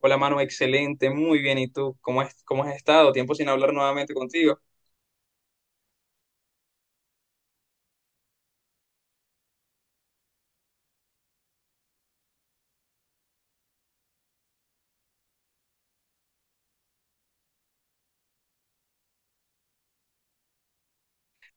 Hola, mano, excelente, muy bien. ¿Y tú? ¿Cómo has estado? Tiempo sin hablar nuevamente contigo.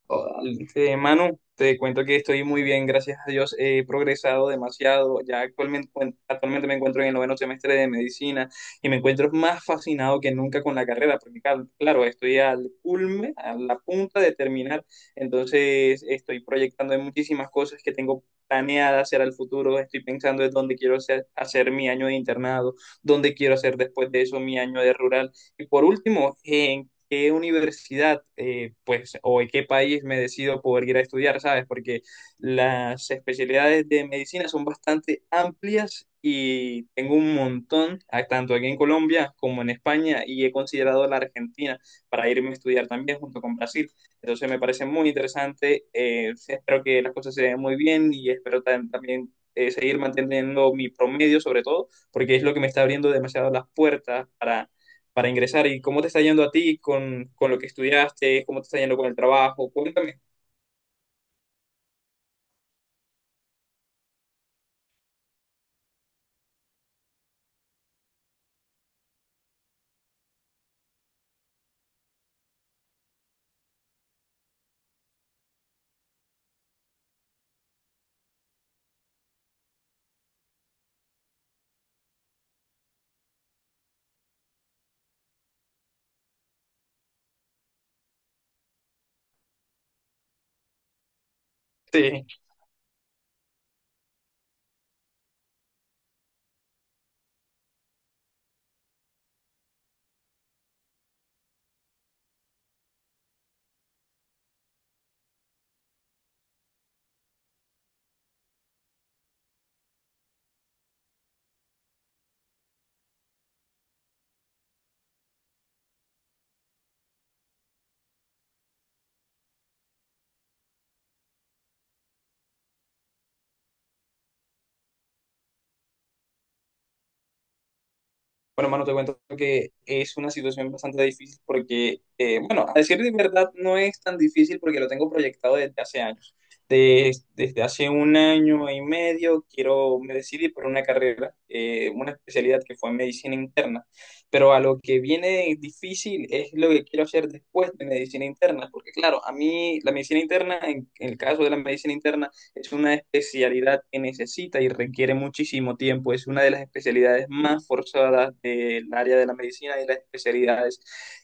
Oh, Manu, te cuento que estoy muy bien, gracias a Dios. He progresado demasiado. Bueno, actualmente me encuentro en el noveno semestre de medicina y me encuentro más fascinado que nunca con la carrera, porque claro, estoy al culme, a la punta de terminar. Entonces, estoy proyectando en muchísimas cosas que tengo planeadas hacer al futuro. Estoy pensando en dónde quiero hacer mi año de internado, dónde quiero hacer después de eso mi año de rural. Y por último, en qué universidad, pues, o en qué país me decido poder ir a estudiar, ¿sabes? Porque las especialidades de medicina son bastante amplias y tengo un montón, ah, tanto aquí en Colombia como en España, y he considerado la Argentina para irme a estudiar también junto con Brasil. Entonces me parece muy interesante. Espero que las cosas se den muy bien y espero también, seguir manteniendo mi promedio sobre todo, porque es lo que me está abriendo demasiado las puertas para ingresar. ¿Y cómo te está yendo a ti con lo que estudiaste? ¿Cómo te está yendo con el trabajo? Cuéntame. Sí. Bueno, mano, te cuento que es una situación bastante difícil porque, bueno, a decir de verdad, no es tan difícil porque lo tengo proyectado desde hace años. Desde hace un año y medio me decidí por una carrera, una especialidad que fue medicina interna. Pero a lo que viene difícil es lo que quiero hacer después de medicina interna, porque claro, a mí la medicina interna, en el caso de la medicina interna, es una especialidad que necesita y requiere muchísimo tiempo. Es una de las especialidades más forzadas del área de la medicina, y las especialidades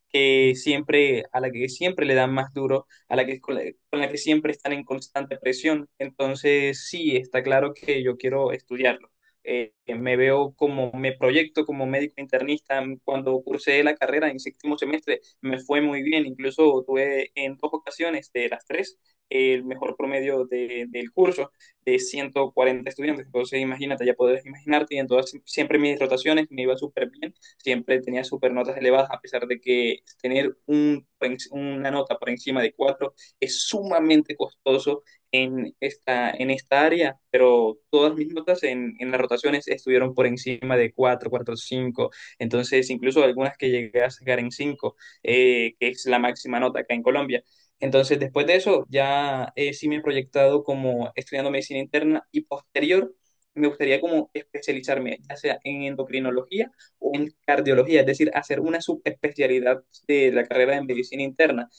que siempre, a la que siempre le dan más duro, a la que, con la que siempre están en constante presión. Entonces, sí, está claro que yo quiero estudiarlo. Me proyecto como médico internista. Cuando cursé la carrera en séptimo semestre, me fue muy bien. Incluso tuve en dos ocasiones de las tres el mejor promedio del curso de 140 estudiantes. Entonces, imagínate, ya podrás imaginarte, y en todas, siempre mis rotaciones me iba súper bien, siempre tenía súper notas elevadas, a pesar de que tener una nota por encima de 4 es sumamente costoso en esta área, pero todas mis notas en las rotaciones estuvieron por encima de 4,45, entonces incluso algunas que llegué a sacar en cinco, que es la máxima nota acá en Colombia. Entonces, después de eso, ya sí me he proyectado como estudiando medicina interna, y posterior me gustaría como especializarme, ya sea en endocrinología o en cardiología, es decir, hacer una subespecialidad de la carrera de medicina interna,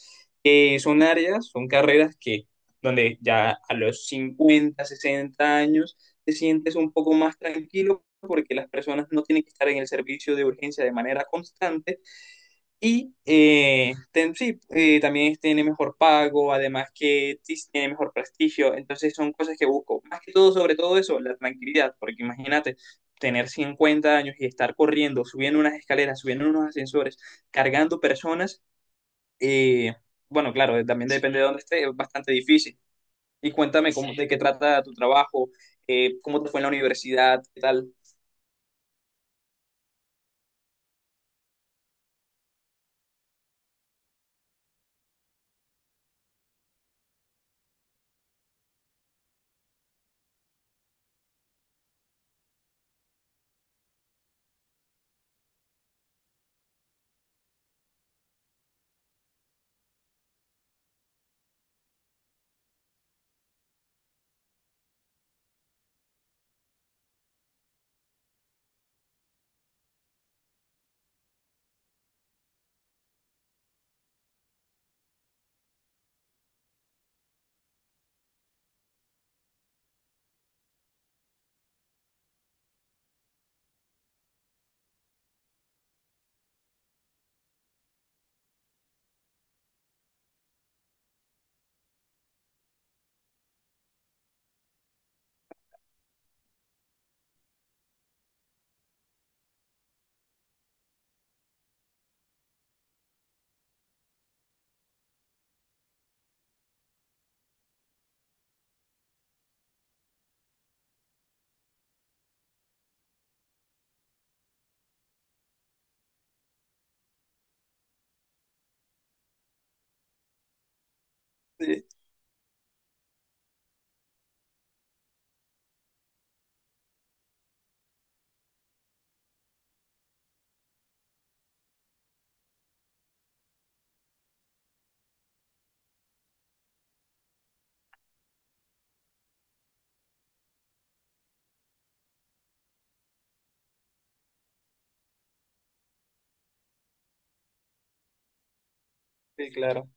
que son áreas, son carreras que donde ya a los 50 60 años te sientes un poco más tranquilo porque las personas no tienen que estar en el servicio de urgencia de manera constante, y sí, también tiene mejor pago, además que sí sí tiene mejor prestigio. Entonces son cosas que busco. Más que todo, sobre todo eso, la tranquilidad. Porque imagínate, tener 50 años y estar corriendo, subiendo unas escaleras, subiendo unos ascensores, cargando personas. eh, bueno, claro, también depende de dónde esté, es bastante difícil. Y cuéntame cómo, de qué trata tu trabajo, cómo te fue en la universidad, qué tal. Sí, sí, claro.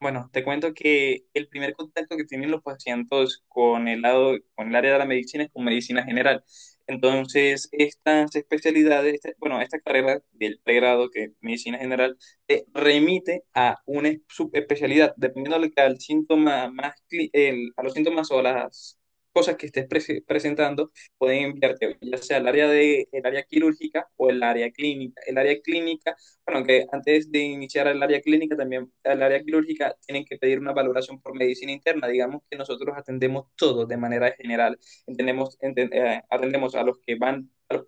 Bueno, te cuento que el primer contacto que tienen los pacientes con el lado, con el área de la medicina es con medicina general. Entonces, estas especialidades, bueno, esta carrera del pregrado que es medicina general te remite a una subespecialidad, dependiendo de lo que al síntoma más, a los síntomas o las cosas que estés presentando, pueden enviarte ya sea el área quirúrgica o el área clínica. Bueno, que antes de iniciar el área clínica, también el área quirúrgica, tienen que pedir una valoración por medicina interna. Digamos que nosotros atendemos todo de manera general. Atendemos a los que van,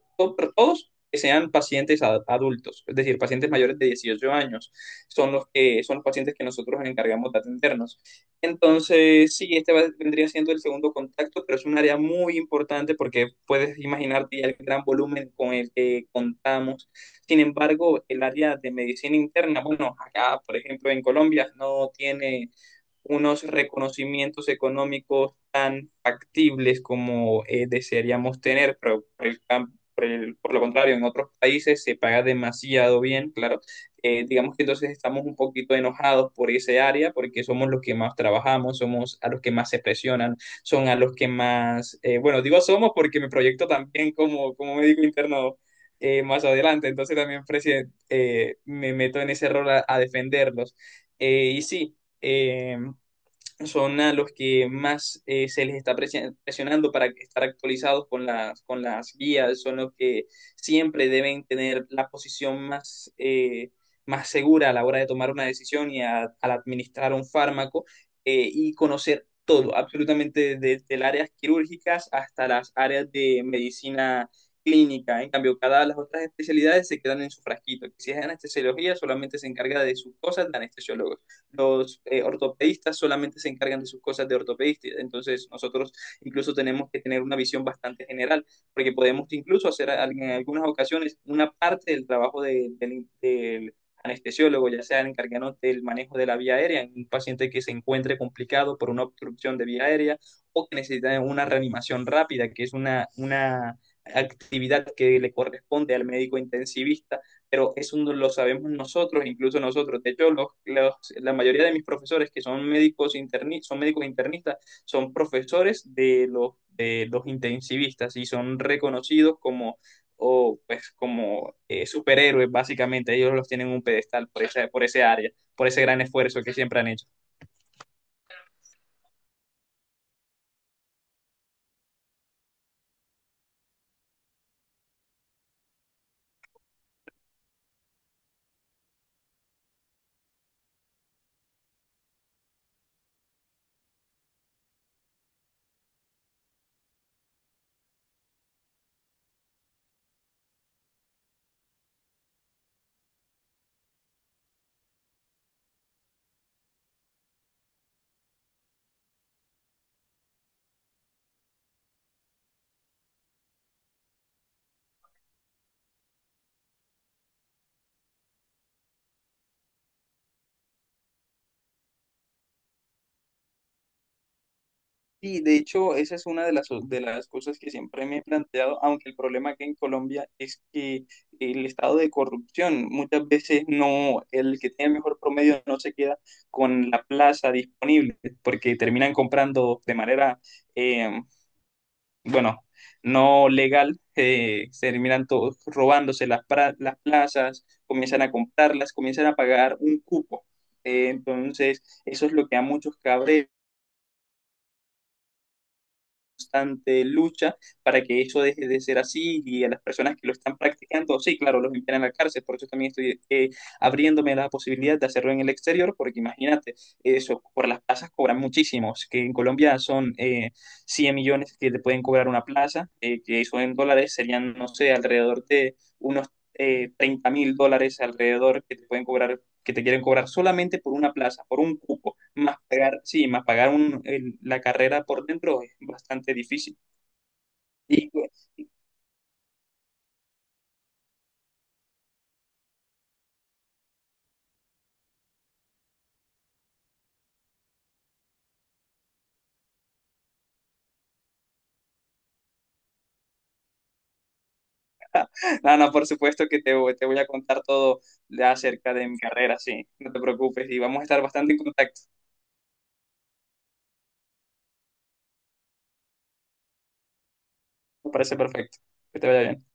todos que sean pacientes adultos, es decir, pacientes mayores de 18 años, son los que son los pacientes que nosotros nos encargamos de atendernos. Entonces, sí, este vendría siendo el segundo contacto, pero es un área muy importante porque puedes imaginarte ya el gran volumen con el que contamos. Sin embargo, el área de medicina interna, bueno, acá, por ejemplo, en Colombia no tiene unos reconocimientos económicos tan factibles como desearíamos tener, pero por, el cam- por el- por lo contrario, en otros países se paga demasiado bien, claro. Digamos que entonces estamos un poquito enojados por ese área porque somos los que más trabajamos, somos a los que más se presionan, son a los que más, bueno, digo somos porque me proyecto también como médico interno más adelante, entonces también me meto en ese rol a defenderlos. Y sí, Eh, son a los que más se les está presionando para estar actualizados con las, guías, son los que siempre deben tener la posición más segura a la hora de tomar una decisión y al administrar un fármaco, y conocer todo, absolutamente, desde las áreas quirúrgicas hasta las áreas de medicina clínica. En cambio, cada las otras especialidades se quedan en su frasquito. Si es anestesiología, solamente se encarga de sus cosas de anestesiólogos. Los ortopedistas solamente se encargan de sus cosas de ortopedista, entonces nosotros incluso tenemos que tener una visión bastante general, porque podemos incluso hacer en algunas ocasiones una parte del trabajo del de anestesiólogo, ya sea encargándonos del manejo de la vía aérea en un paciente que se encuentre complicado por una obstrucción de vía aérea, o que necesita una reanimación rápida, que es una actividad que le corresponde al médico intensivista, pero eso no lo sabemos nosotros, incluso nosotros. De hecho, la mayoría de mis profesores que son médicos, son médicos internistas, son profesores de los, intensivistas, y son reconocidos o, pues, como superhéroes, básicamente. Ellos los tienen en un pedestal por esa, por ese área, por ese gran esfuerzo que siempre han hecho. Sí, de hecho, esa es una de las cosas que siempre me he planteado, aunque el problema aquí en Colombia es que el estado de corrupción, muchas veces no, el que tiene el mejor promedio no se queda con la plaza disponible, porque terminan comprando de manera, eh, bueno, no legal, se terminan todos robándose las plazas, comienzan a comprarlas, comienzan a pagar un cupo. Entonces, eso es lo que a muchos cabrea, constante lucha para que eso deje de ser así, y a las personas que lo están practicando, sí, claro, los envían a la cárcel, por eso también estoy abriéndome la posibilidad de hacerlo en el exterior, porque imagínate, eso, por las plazas cobran muchísimos, que en Colombia son 100 millones que te pueden cobrar una plaza, que eso en dólares serían, no sé, alrededor de unos 30 mil dólares alrededor que te pueden cobrar, que te quieren cobrar solamente por una plaza, por un cupo, más pagar, sí, más pagar la carrera por dentro es bastante difícil. Y pues, no, no, por supuesto que te voy a contar todo acerca de mi carrera, sí, no te preocupes, y vamos a estar bastante en contacto. Me parece perfecto. Que te vaya bien.